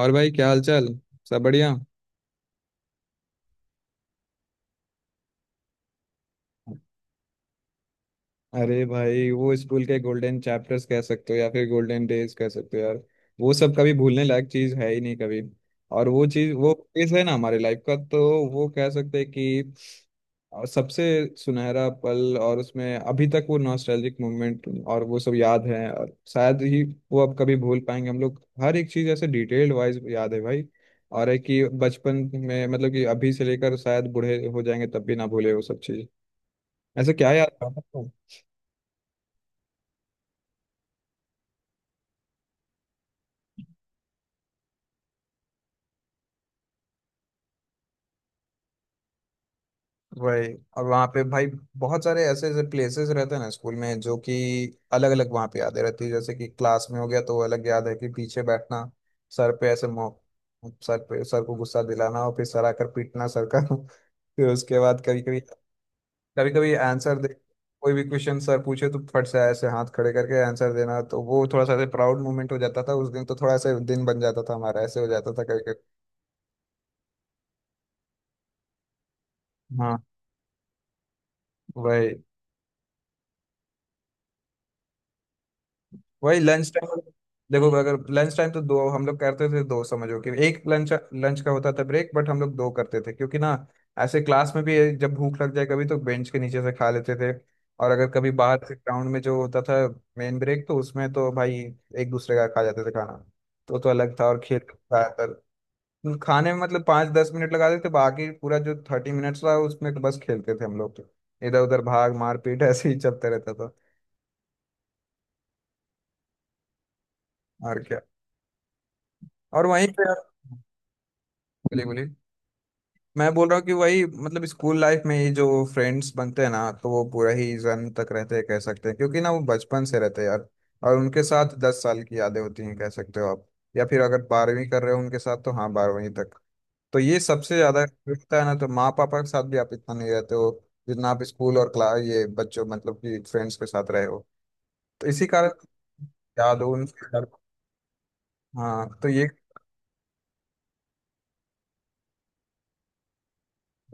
और भाई क्या हाल चाल। सब बढ़िया। अरे भाई, वो स्कूल के गोल्डन चैप्टर्स कह सकते हो या फिर गोल्डन डेज कह सकते हो यार। वो सब कभी भूलने लायक चीज है ही नहीं कभी। और वो चीज, वो फेज है ना हमारे लाइफ का, तो वो कह सकते हैं कि और सबसे सुनहरा पल। और उसमें अभी तक वो नॉस्टैल्जिक मोमेंट और वो सब याद है, और शायद ही वो अब कभी भूल पाएंगे हम लोग। हर एक चीज़ ऐसे डिटेल्ड वाइज याद है भाई। और है कि बचपन में मतलब कि अभी से लेकर शायद बूढ़े हो जाएंगे तब भी ना भूले वो सब चीज़। ऐसे क्या याद था। वही। और वहाँ पे भाई बहुत सारे ऐसे ऐसे प्लेसेस रहते हैं ना स्कूल में, जो कि अलग अलग वहाँ पे यादें रहती है। जैसे कि क्लास में हो गया तो वो अलग याद है कि पीछे बैठना, सर पे ऐसे मौ सर पे, सर को गुस्सा दिलाना और फिर सर आकर पीटना सर का फिर उसके बाद कभी कभी, कभी कभी आंसर दे। कोई भी क्वेश्चन सर पूछे तो फट से ऐसे हाथ खड़े करके आंसर देना, तो वो थोड़ा सा ऐसे प्राउड मोमेंट हो जाता था। उस दिन तो थोड़ा ऐसे दिन बन जाता था हमारा, ऐसे हो जाता था कभी कभी। हाँ। वही। वही लंच टाइम। देखो, अगर लंच टाइम तो दो हम लोग करते थे। दो समझो कि एक लंच लंच का होता था ब्रेक, बट हम लोग दो करते थे। क्योंकि ना ऐसे क्लास में भी जब भूख लग जाए कभी तो बेंच के नीचे से खा लेते थे। और अगर कभी बाहर से ग्राउंड में जो होता था मेन ब्रेक, तो उसमें तो भाई एक दूसरे का खा जाते थे खाना। तो अलग था, और खेल ज्यादातर खाने में मतलब 5-10 मिनट लगा देते, बाकी पूरा जो 30 मिनट्स रहा उसमें तो बस खेलते थे हम लोग। तो इधर उधर भाग, मारपीट ऐसे ही चलते रहता था। और क्या। और वहीं पे बोलिए बोलिए। मैं बोल रहा हूँ कि वही मतलब स्कूल लाइफ में ये जो फ्रेंड्स बनते हैं ना, तो वो पूरा ही जन तक रहते हैं कह सकते हैं। क्योंकि ना वो बचपन से रहते हैं यार, और उनके साथ 10 साल की यादें होती हैं कह सकते हो आप। या फिर अगर 12वीं कर रहे हो उनके साथ तो हाँ, 12वीं तक। तो ये सबसे ज्यादा होता है ना, तो माँ पापा के साथ भी आप इतना नहीं रहते हो जितना आप स्कूल और क्लास, ये बच्चों मतलब कि फ्रेंड्स के साथ रहे हो। तो इसी कारण याद हो उनसे। हाँ, तो ये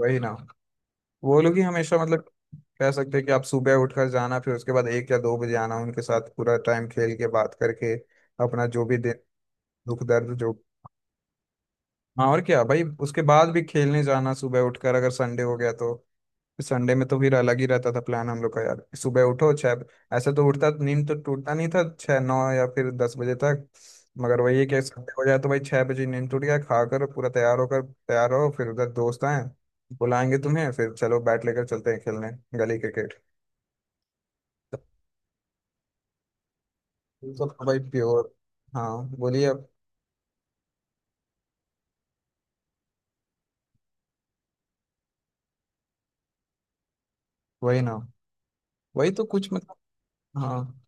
वही ना, वो लोग ही हमेशा मतलब कह सकते हैं कि आप सुबह उठकर जाना, फिर उसके बाद 1 या 2 बजे आना, उनके साथ पूरा टाइम खेल के बात करके अपना जो भी दुख दर्द जो। हाँ और क्या भाई, उसके बाद भी खेलने जाना, सुबह उठकर अगर संडे हो गया तो। संडे में तो फिर अलग ही रहता था प्लान हम लोग का यार। सुबह उठो छः, ऐसे तो उठता, नींद तो टूटता नहीं था 6, 9 या फिर 10 बजे तक। मगर वही है कि संडे हो जाए तो भाई 6 बजे नींद टूट गया, खाकर पूरा तैयार होकर, तैयार हो फिर उधर दोस्त आए बुलाएंगे तुम्हें, फिर चलो बैट लेकर चलते हैं खेलने, गली क्रिकेट। तो भाई प्योर। हाँ बोलिए आप। वही ना। वही तो कुछ मतलब। हाँ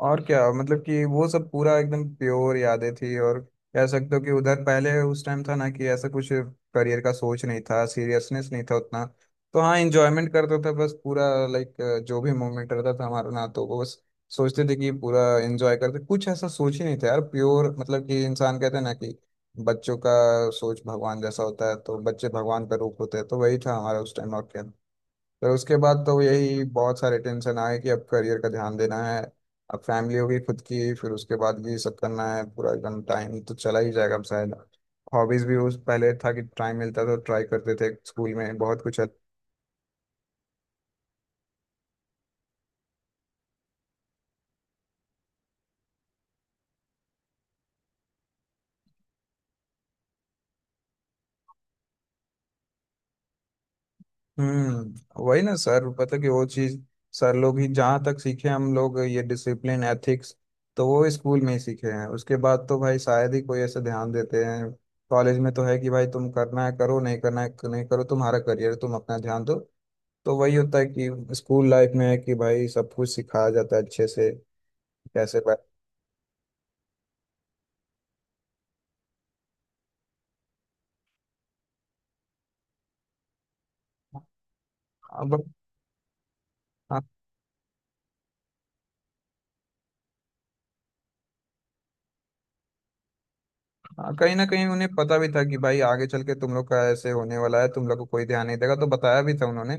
और क्या, मतलब कि वो सब पूरा एकदम प्योर यादें थी। और कह सकते हो कि उधर पहले, उस टाइम था ना, कि ऐसा कुछ करियर का सोच नहीं था, सीरियसनेस नहीं था उतना। तो हाँ, एंजॉयमेंट करता था बस पूरा। लाइक जो भी मोमेंट रहता था हमारा ना, तो वो बस सोचते थे कि पूरा एंजॉय करते, कुछ ऐसा सोच ही नहीं था यार। प्योर मतलब कि इंसान कहते हैं ना कि बच्चों का सोच भगवान जैसा होता है, तो बच्चे भगवान का रूप होते हैं, तो वही था हमारा उस टाइम, और क्या। फिर उसके बाद तो यही बहुत सारे टेंशन आए कि अब करियर का ध्यान देना है, अब फैमिली होगी खुद की, फिर उसके बाद ये सब करना है, पूरा एकदम टाइम तो चला ही जाएगा अब शायद। हॉबीज भी उस पहले था कि टाइम मिलता था तो ट्राई करते थे स्कूल में बहुत कुछ है। हम्म। वही ना सर, पता कि वो चीज सर लोग ही जहाँ तक सीखे हम लोग, ये डिसिप्लिन एथिक्स, तो वो स्कूल में ही सीखे हैं। उसके बाद तो भाई शायद ही कोई ऐसे ध्यान देते हैं। कॉलेज में तो है कि भाई तुम करना है करो, नहीं करना है नहीं करो, तुम्हारा करियर तुम अपना ध्यान दो। तो वही होता है कि स्कूल लाइफ में है कि भाई सब कुछ सिखाया जाता है अच्छे से। कैसे बै- अब हाँ। हाँ कहीं ना कहीं उन्हें पता भी था कि भाई आगे चल के तुम लोग का ऐसे होने वाला है, तुम लोग को कोई ध्यान नहीं देगा, तो बताया भी था उन्होंने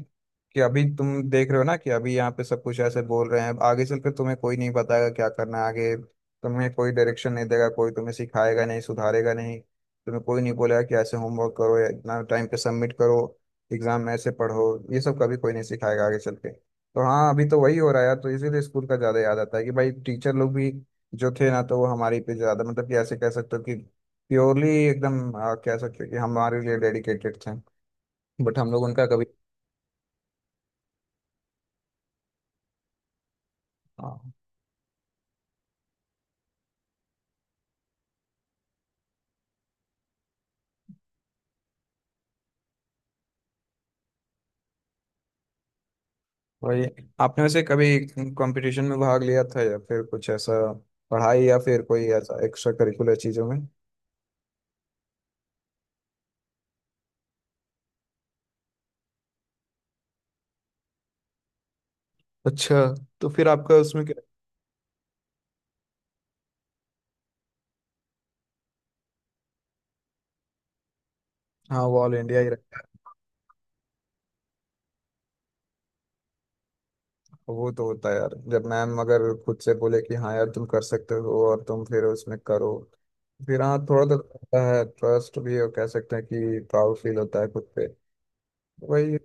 कि अभी तुम देख रहे हो ना कि अभी यहाँ पे सब कुछ ऐसे बोल रहे हैं, आगे चल के तुम्हें कोई नहीं बताएगा क्या करना है आगे। तुम्हें कोई डायरेक्शन नहीं देगा, कोई तुम्हें सिखाएगा नहीं, सुधारेगा नहीं, तुम्हें कोई नहीं बोलेगा कि ऐसे होमवर्क करो या इतना टाइम पे सबमिट करो, एग्जाम में ऐसे पढ़ो। ये सब कभी कोई नहीं सिखाएगा आगे चल के, तो हाँ अभी तो वही हो रहा है यार। तो इसीलिए स्कूल का ज़्यादा याद आता है कि भाई टीचर लोग भी जो थे ना, तो वो हमारे पे ज़्यादा मतलब कि ऐसे कह सकते हो कि प्योरली एकदम कह सकते हैं कि हमारे लिए डेडिकेटेड थे। बट हम लोग उनका कभी। हाँ, वही। आपने वैसे कभी कंपटीशन में भाग लिया था या फिर कुछ ऐसा पढ़ाई या फिर कोई ऐसा एक्स्ट्रा करिकुलर चीजों में। अच्छा, तो फिर आपका उसमें क्या। हाँ, वो ऑल इंडिया ही रहता है। वो तो होता है यार, जब मैम अगर खुद से बोले कि हाँ यार तुम कर सकते हो और तुम फिर उसमें करो, फिर हाँ थोड़ा तो होता है ट्रस्ट भी, और कह सकते हैं कि प्राउड फील होता है खुद पे। वही।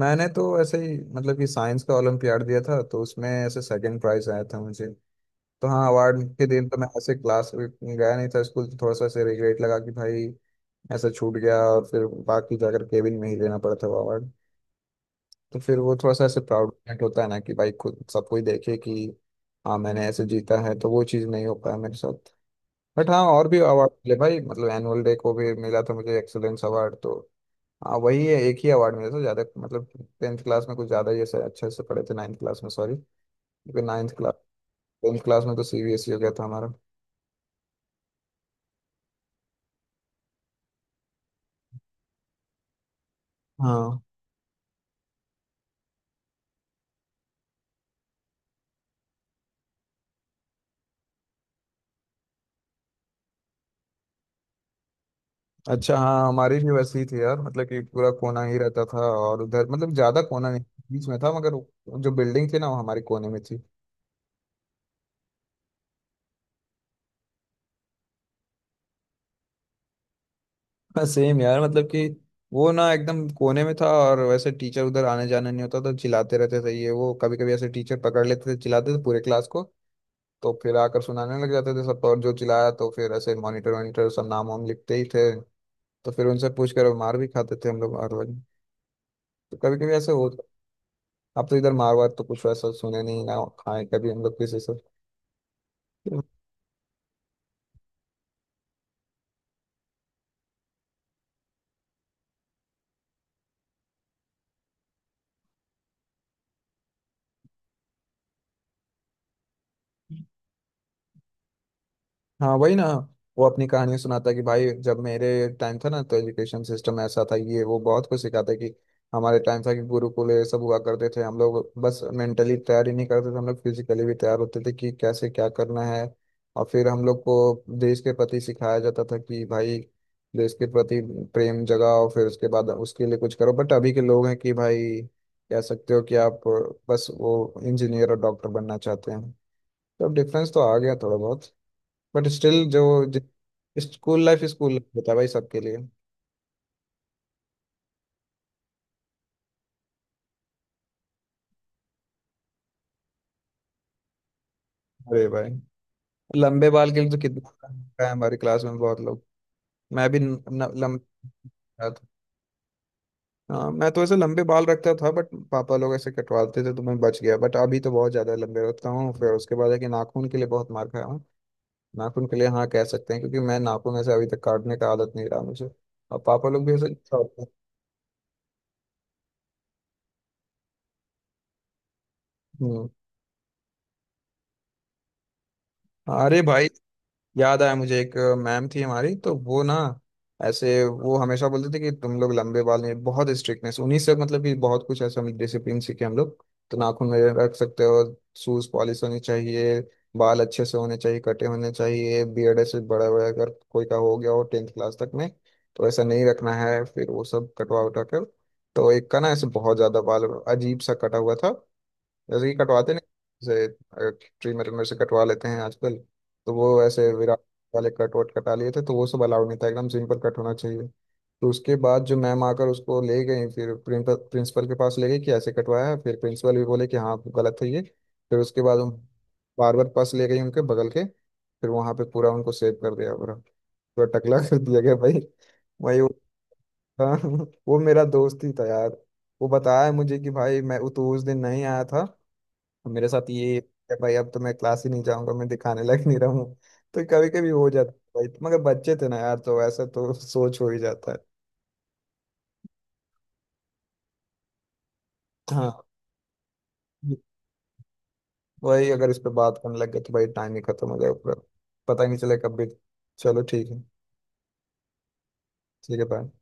मैंने तो ऐसे ही मतलब कि साइंस का ओलम्पियाड दिया था, तो उसमें ऐसे सेकंड प्राइज आया था मुझे। तो हाँ अवार्ड के दिन तो मैं ऐसे क्लास गया नहीं था स्कूल, तो थोड़ा सा ऐसे रिग्रेट लगा कि भाई ऐसा छूट गया। और फिर बाकी जाकर केबिन में ही लेना पड़ा था वो अवार्ड। तो फिर वो थोड़ा सा ऐसे प्राउड मोमेंट होता है ना कि भाई खुद सब कोई देखे कि हाँ मैंने ऐसे जीता है, तो वो चीज़ नहीं हो पाया मेरे साथ। बट हाँ, और भी अवार्ड मिले भाई, मतलब एनुअल डे को भी मिला था मुझे एक्सीलेंस अवार्ड। तो हाँ वही है, एक ही अवार्ड मिला था ज्यादा मतलब। टेंथ क्लास में कुछ ज्यादा ही ऐसे अच्छे से पढ़े थे, नाइन्थ क्लास में, सॉरी, क्योंकि नाइन्थ क्लास, 10th क्लास में तो सीबीएसई हो गया था हमारा। हाँ। अच्छा, हाँ हमारी भी वैसी ही थी यार, मतलब कि पूरा कोना ही रहता था। और उधर मतलब ज्यादा कोना नहीं, बीच में था, मगर जो बिल्डिंग थी ना वो हमारे कोने में थी। सेम यार, मतलब कि वो ना एकदम कोने में था, और वैसे टीचर उधर आने जाने नहीं होता तो चिल्लाते रहते थे ये वो। कभी कभी ऐसे टीचर पकड़ लेते थे, चिल्लाते थे पूरे क्लास को, तो फिर आकर सुनाने लग जाते थे सबको, और जो चिल्लाया तो फिर ऐसे मॉनिटर वॉनिटर सब नाम वाम लिखते ही थे, तो फिर उनसे पूछ कर मार भी खाते थे हम लोग हर वक्त। तो कभी कभी ऐसे होता। अब तो इधर मार वार तो कुछ वैसा सुने नहीं ना खाए कभी हम लोग किसी से। हाँ वही ना। वो अपनी कहानियां सुनाता है कि भाई जब मेरे टाइम था ना तो एजुकेशन सिस्टम ऐसा था, ये वो बहुत कुछ सिखाता है कि हमारे टाइम था कि गुरुकुल ये सब हुआ करते थे। हम लोग बस मेंटली तैयार ही नहीं करते थे, हम लोग फिजिकली भी तैयार होते थे कि कैसे क्या करना है। और फिर हम लोग को देश के प्रति सिखाया जाता था कि भाई देश के प्रति प्रेम जगाओ, फिर उसके बाद उसके लिए कुछ करो। बट अभी के लोग हैं कि भाई कह सकते हो कि आप बस वो इंजीनियर और डॉक्टर बनना चाहते हैं। तो डिफरेंस तो आ गया थोड़ा बहुत, बट स्टिल जो स्कूल लाइफ होता है भाई सबके लिए। अरे भाई, लंबे बाल के लिए तो कितना है, हमारी क्लास में बहुत लोग। मैं भी न, न, लंबा था। हाँ मैं तो ऐसे लंबे बाल रखता था, बट पापा लोग ऐसे कटवाते थे तो मैं बच गया। बट अभी तो बहुत ज्यादा लंबे रखता हूँ। फिर उसके बाद है कि नाखून के लिए बहुत मार खाया हूँ। नाखून के लिए, हाँ कह सकते हैं क्योंकि मैं नाखून ऐसे अभी तक काटने का आदत नहीं रहा मुझे, और पापा लोग भी ऐसे। हम्म। अरे भाई, याद आया मुझे। एक मैम थी हमारी, तो वो ना ऐसे वो हमेशा बोलते थे कि तुम लोग लंबे बाल में, बहुत स्ट्रिक्टनेस उन्हीं से मतलब कि बहुत कुछ ऐसा मतलब डिसिप्लिन सीखे हम लोग। तो नाखून में रख सकते हो, शूज पॉलिश होनी चाहिए, बाल अच्छे से होने चाहिए, कटे होने चाहिए, बियर्ड ऐसे बड़ा बड़ा अगर कोई का हो गया हो 10th क्लास तक में, तो ऐसा नहीं रखना है, फिर वो सब कटवा उठा कर। तो एक का ना ऐसे बहुत ज्यादा बाल अजीब सा कटा हुआ था, जैसे कि कटवाते नहीं, जैसे ट्री मेरे मेरे से कटवा लेते हैं आजकल, तो वो ऐसे विराट वाले कट वट कटा लिए थे, तो वो सब अलाउड नहीं था, एकदम सिंपल कट होना चाहिए। तो उसके बाद जो मैम आकर उसको ले गई, फिर प्रिंसिपल प्रिंसिपल के पास ले गई कि ऐसे कटवाया है। फिर प्रिंसिपल भी बोले कि हाँ गलत है ये। फिर उसके बाद हम बार्बर पास ले गई उनके बगल के, फिर वहाँ पे पूरा उनको सेव कर दिया पूरा, पूरा टकला कर दिया गया भाई। वही वो था वो मेरा दोस्त ही था यार, वो बताया मुझे कि भाई, मैं वो तो उस दिन नहीं आया था, तो मेरे साथ ये है भाई। अब तो मैं क्लास ही नहीं जाऊंगा, मैं दिखाने लायक नहीं रहूँ, तो कभी कभी हो जाता है भाई, मगर बच्चे थे ना यार तो वैसे तो सोच हो ही जाता है। हाँ, वही। अगर इस पे बात करने लग गए तो भाई टाइम ही खत्म हो जाएगा पूरा, पता ही नहीं चले कब भी। चलो ठीक है। ठीक है, बाय।